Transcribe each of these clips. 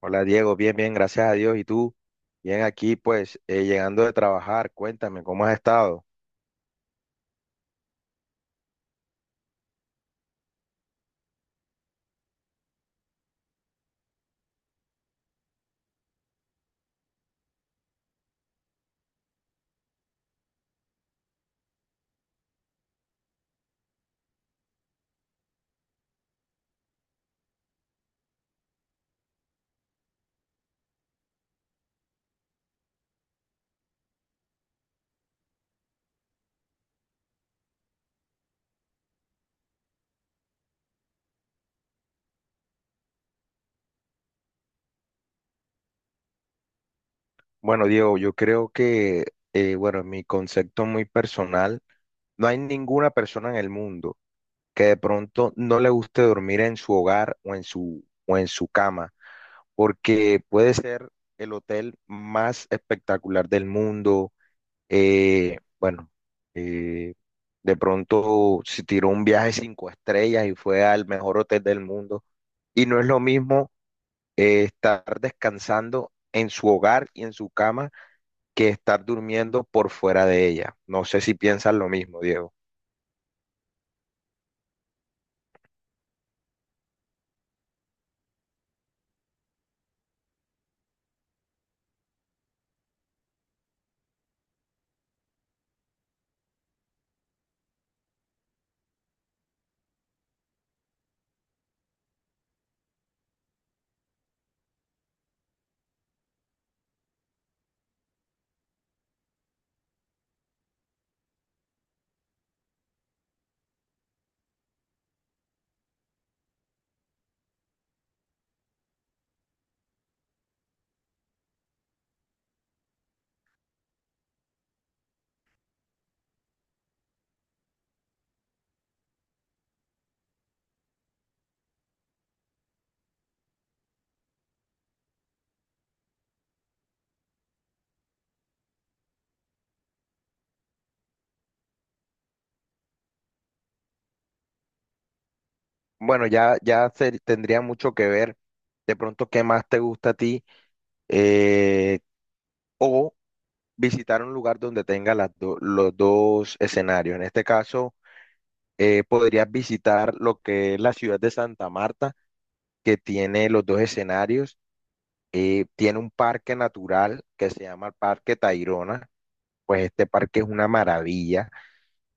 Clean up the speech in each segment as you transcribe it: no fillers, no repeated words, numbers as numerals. Hola Diego, bien, bien, gracias a Dios. ¿Y tú? Bien aquí, pues, llegando de trabajar, cuéntame, ¿cómo has estado? Bueno, Diego, yo creo que, bueno, en mi concepto muy personal, no hay ninguna persona en el mundo que de pronto no le guste dormir en su hogar o en su cama, porque puede ser el hotel más espectacular del mundo. Eh, bueno, eh, de pronto se tiró un viaje cinco estrellas y fue al mejor hotel del mundo. Y no es lo mismo estar descansando en su hogar y en su cama que estar durmiendo por fuera de ella. No sé si piensan lo mismo, Diego. Bueno, tendría mucho que ver de pronto qué más te gusta a ti, eh, o visitar un lugar donde tenga las los dos escenarios. En este caso, podrías visitar lo que es la ciudad de Santa Marta, que tiene los dos escenarios. Tiene un parque natural que se llama el Parque Tayrona. Pues este parque es una maravilla,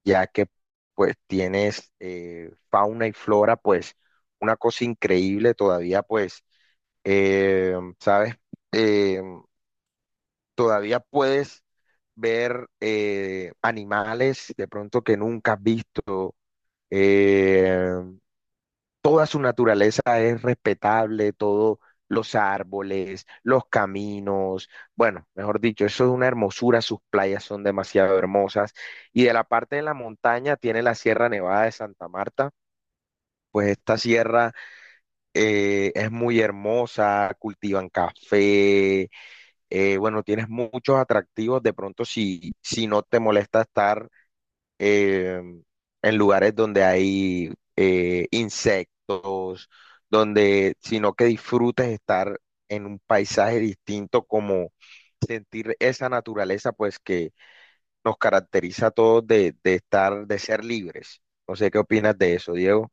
ya que pues tienes fauna y flora, pues una cosa increíble todavía, pues, eh, ¿sabes? Eh, Todavía puedes ver animales de pronto que nunca has visto. eh, Toda su naturaleza es respetable, todos los árboles, los caminos, bueno, mejor dicho, eso es una hermosura, sus playas son demasiado hermosas. Y de la parte de la montaña tiene la Sierra Nevada de Santa Marta, pues esta sierra es muy hermosa, cultivan café. Bueno, tienes muchos atractivos, de pronto si, si no te molesta estar eh, en lugares donde hay insectos, donde, sino que disfrutes estar en un paisaje distinto, como sentir esa naturaleza, pues que nos caracteriza a todos de estar, de ser libres. No sé qué opinas de eso, Diego.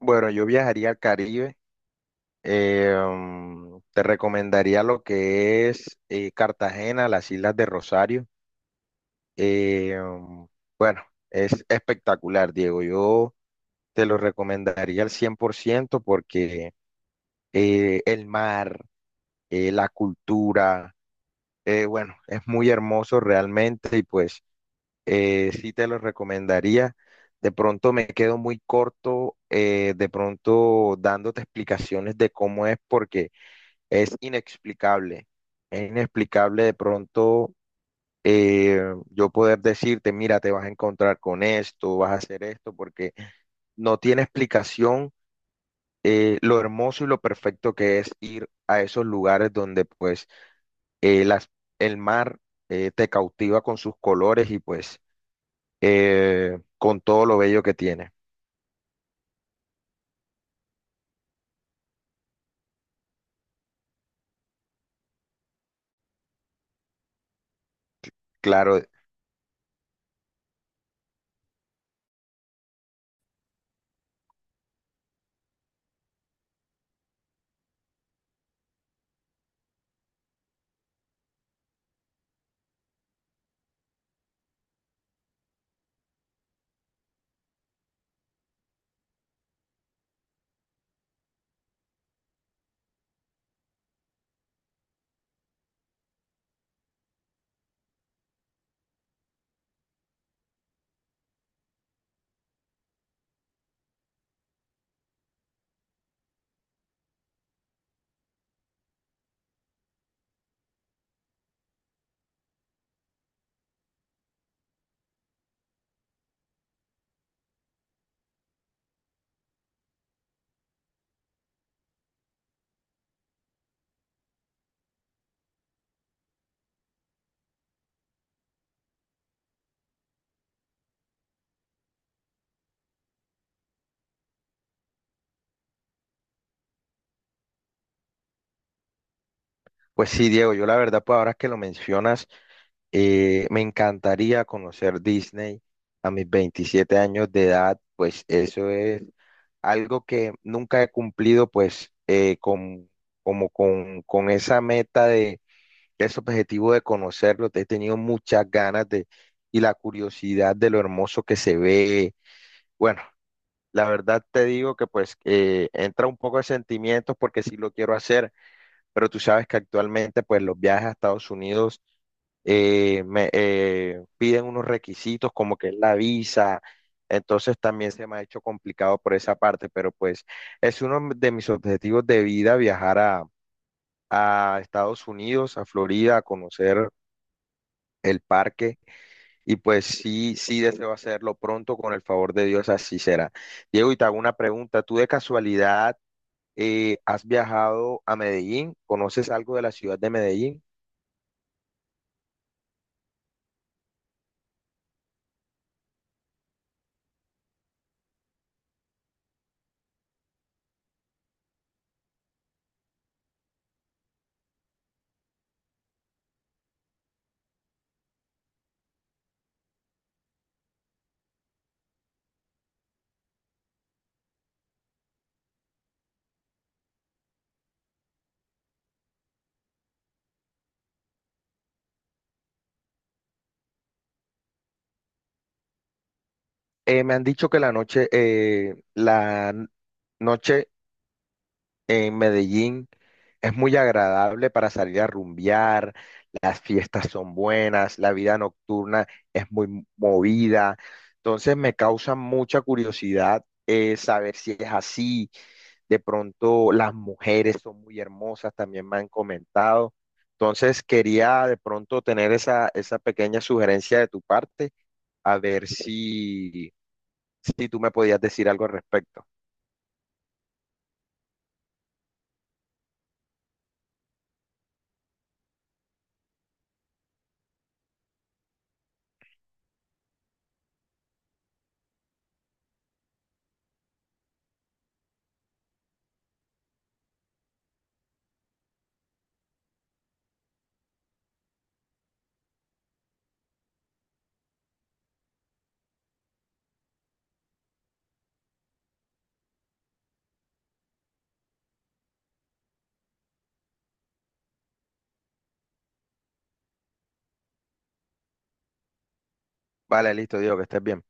Bueno, yo viajaría al Caribe. Te recomendaría lo que es Cartagena, las Islas de Rosario. eh, mm, bueno, es espectacular, Diego. Yo Te lo recomendaría al 100% porque el mar, la cultura, bueno, es muy hermoso realmente y pues, sí te lo recomendaría. De pronto me quedo muy corto, de pronto dándote explicaciones de cómo es porque es inexplicable. Es inexplicable de pronto, eh, yo poder decirte, mira, te vas a encontrar con esto, vas a hacer esto, porque no tiene explicación, lo hermoso y lo perfecto que es ir a esos lugares donde pues, eh, las, el mar te cautiva con sus colores y pues con todo lo bello que tiene. Claro, pues sí, Diego, yo la verdad pues ahora que lo mencionas, me encantaría conocer Disney a mis 27 años de edad, pues eso es algo que nunca he cumplido pues como con esa meta de ese objetivo de conocerlo, te he tenido muchas ganas de y la curiosidad de lo hermoso que se ve. Bueno, la verdad te digo que pues entra un poco de sentimientos porque sí lo quiero hacer, pero tú sabes que actualmente pues los viajes a Estados Unidos me piden unos requisitos como que es la visa, entonces también se me ha hecho complicado por esa parte, pero pues es uno de mis objetivos de vida viajar a Estados Unidos, a Florida, a conocer el parque. Y pues sí, sí deseo hacerlo pronto, con el favor de Dios, así será. Diego, y te hago una pregunta. ¿Tú de casualidad has viajado a Medellín? ¿Conoces algo de la ciudad de Medellín? Me han dicho que la noche, noche en Medellín es muy agradable para salir a rumbear, las fiestas son buenas, la vida nocturna es muy movida, entonces me causa mucha curiosidad saber si es así. De pronto las mujeres son muy hermosas, también me han comentado. Entonces quería de pronto tener esa, esa pequeña sugerencia de tu parte, a ver si, si tú me podías decir algo al respecto. Vale, listo, Diego, que estés bien.